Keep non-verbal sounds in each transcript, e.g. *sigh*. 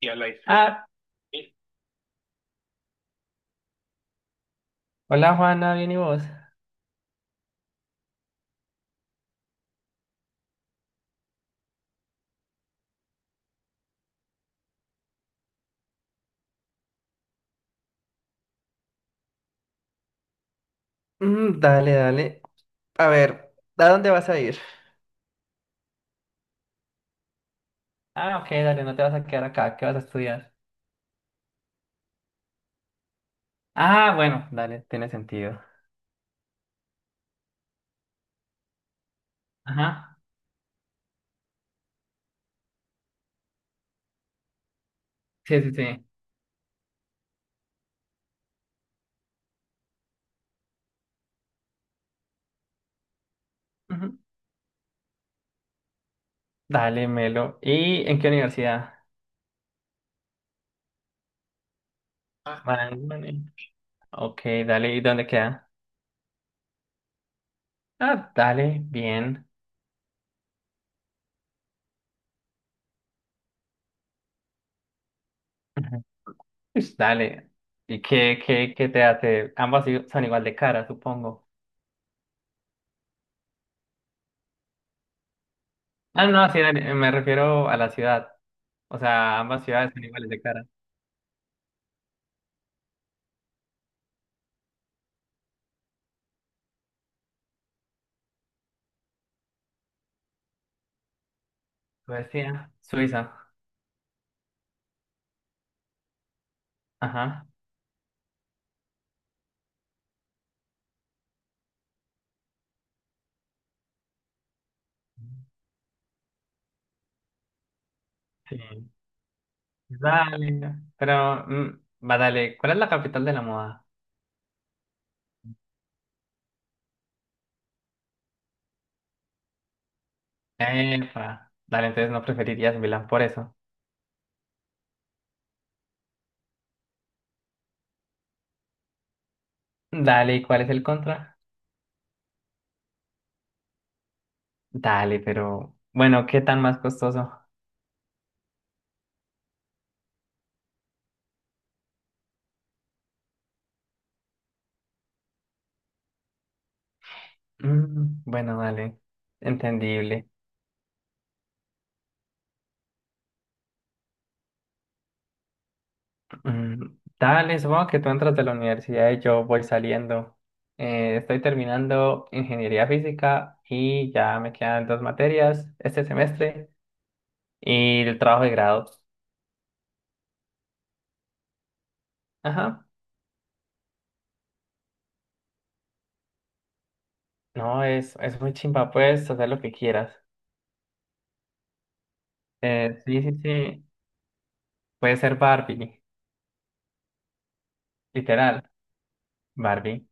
Y a Life. Ah, ¿Sí? Hola Juana, ¿bien y vos? Mm, dale, dale. A ver, ¿a dónde vas a ir? Ah, ok, dale, no te vas a quedar acá, ¿qué vas a estudiar? Ah, bueno, dale, tiene sentido. Ajá, sí, sí, sí. Ujú. Dale, Melo. ¿Y en qué universidad? Ah, Marangoni. Ok, dale, ¿y dónde queda? Ah, dale, bien. Ujú. Pues dale. ¿Y qué te hace? Ambas son igual de cara, supongo. Ah, no, sí, dale, me refiero a la ciudad. O sea, ambas ciudades son iguales de cara. Suecia, Suiza, ajá, sí, dale, pero, va, dale, ¿cuál es la capital de la moda? Epa, dale, entonces no preferirías Milán por eso. Dale, ¿y cuál es el contra? Dale, pero, bueno, ¿qué tan más costoso? Mm, bueno, dale, entendible. Mm, dale, supongo que tú entras de la universidad y yo voy saliendo. Estoy terminando ingeniería física y ya me quedan dos materias este semestre y el trabajo de grado. Ajá. No, es muy chimba, puedes hacer lo que quieras. Sí, sí, sí. Puede ser Barbie, literal. Barbie,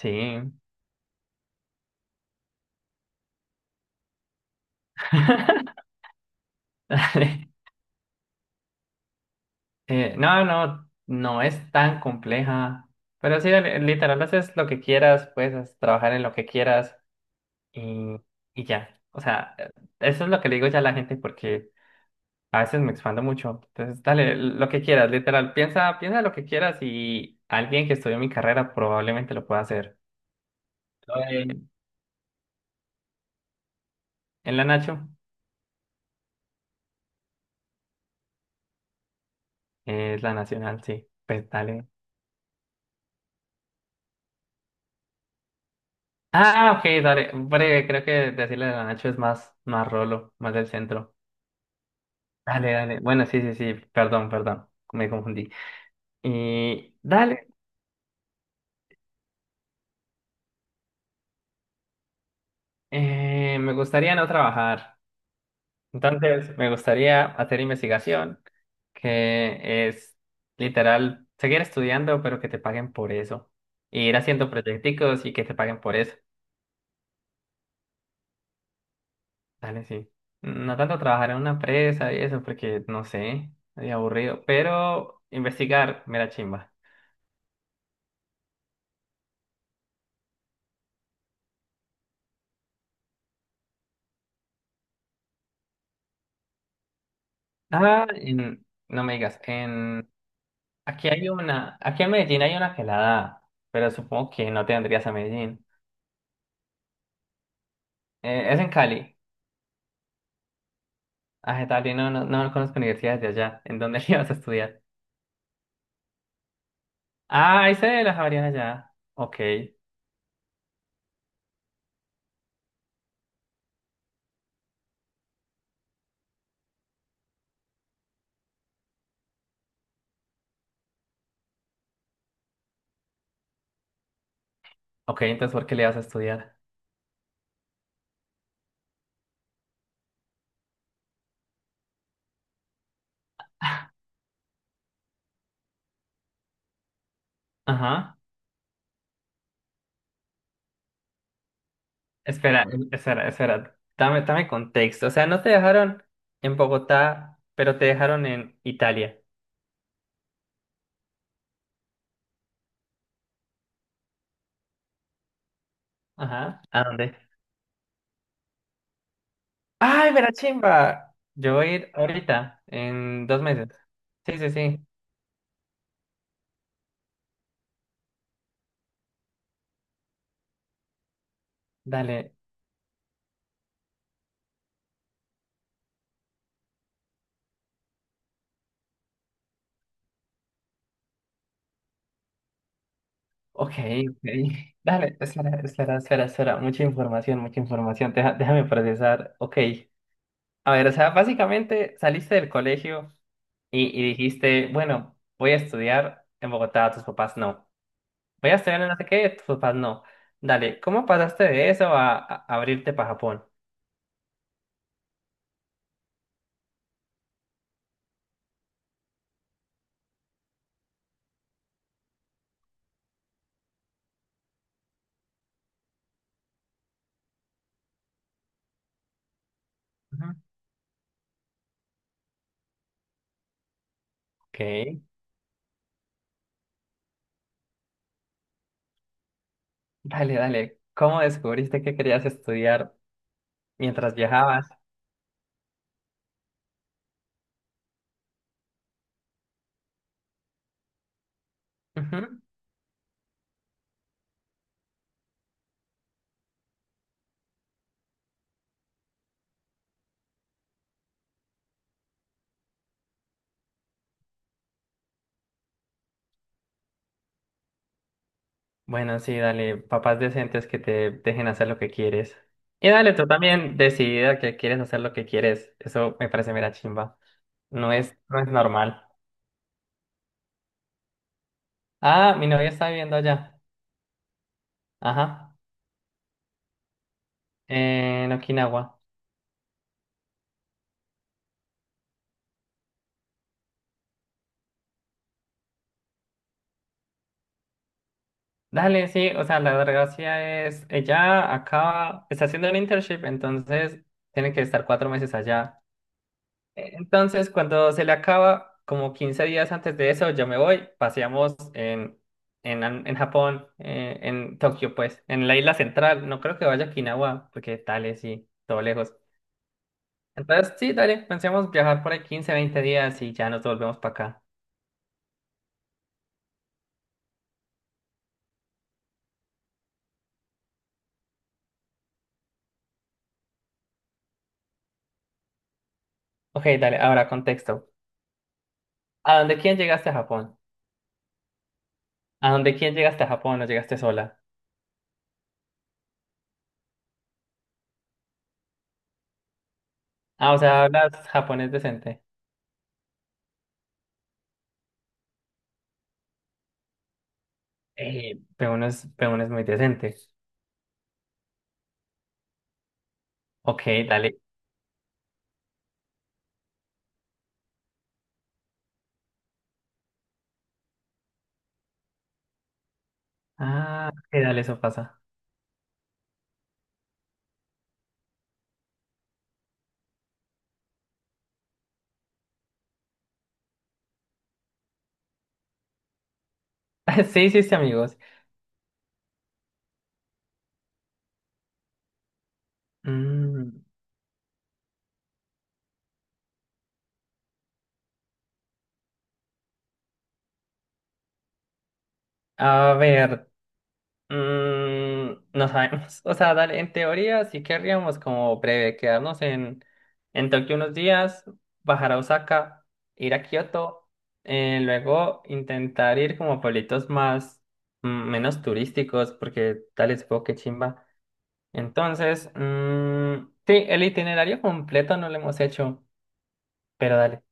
sí. *laughs* Dale. No, no, no es tan compleja. Pero sí, dale, literal, haces lo que quieras, puedes trabajar en lo que quieras y, y ya. O sea, eso es lo que le digo ya a la gente porque a veces me expando mucho. Entonces, dale, lo que quieras, literal, piensa, piensa lo que quieras y alguien que estudió mi carrera probablemente lo pueda hacer. En, en la Nacho, es la nacional, sí. Pues dale. Ah, ok, dale. Breve, creo que decirle de la Nacho es más, más rolo, más del centro. Dale, dale. Bueno, sí, sí, sí. Perdón, perdón. Me confundí. Y dale. Me gustaría no trabajar. Entonces, me gustaría hacer investigación, que es literal seguir estudiando, pero que te paguen por eso. Y ir haciendo proyecticos y que te paguen por eso. Dale, sí. No tanto trabajar en una empresa y eso, porque no sé, es aburrido. Pero investigar, mera chimba. Ah, no me digas, en aquí hay una, aquí en Medellín hay una que la da, pero supongo que no te vendrías a Medellín. Es en Cali. Ah, Cali, no, no, no conozco universidades de allá. ¿En dónde *laughs* le vas a estudiar? Ah, hice de las Javeriana allá. Ok, ok, entonces ¿por qué le vas a estudiar? Ajá. Espera, espera, espera. Dame, dame contexto. O sea, no te dejaron en Bogotá, pero te dejaron en Italia. Ajá. ¿A dónde? ¡Ay, Verachimba! Yo voy a ir ahorita, en 2 meses. Sí, sí, sí. Dale. Ok, ok. *laughs* Dale, espera, espera, espera, espera. Mucha información, mucha información. Déjame procesar. Ok. A ver, o sea, básicamente saliste del colegio y dijiste, bueno, voy a estudiar en Bogotá, tus papás no. Voy a estudiar en no sé qué, tus papás no. Dale, ¿cómo pasaste de eso a abrirte para Japón? Ujú. Ok, dale, dale. ¿Cómo descubriste que querías estudiar mientras viajabas? Ujú. Bueno, sí, dale, papás decentes que te dejen hacer lo que quieres. Y dale, tú también decidida que quieres hacer lo que quieres. Eso me parece mera chimba. No es normal. Ah, mi novia está viviendo allá. Ajá. En Okinawa. Dale, sí, o sea, la gracia es, ella acaba, está haciendo un internship, entonces tiene que estar 4 meses allá. Entonces, cuando se le acaba, como 15 días antes de eso, yo me voy, paseamos en, en Japón, en Tokio, pues, en la isla central. No creo que vaya a Okinawa, porque dale, sí, todo lejos. Entonces, sí, dale, pensemos viajar por ahí 15, 20 días y ya nos volvemos para acá. Ok, dale, ahora contexto. ¿A dónde quién llegaste a Japón? ¿A dónde quién llegaste a Japón? ¿No llegaste sola? Ah, o sea, hablas japonés decente. Pero uno es, pero uno es muy decente. Ok, dale. Ah, ok, dale, eso pasa. *laughs* Sí, sí, sí, amigos. Mm, a ver, no sabemos. *laughs* O sea, dale, en teoría sí querríamos como breve quedarnos en Tokio unos días, bajar a Osaka, ir a Kioto, luego intentar ir como a pueblitos más, menos turísticos, porque dale, supongo que chimba. Entonces, sí, el itinerario completo no lo hemos hecho, pero dale.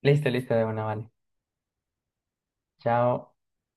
Listo, listo, de una, vale. Chao.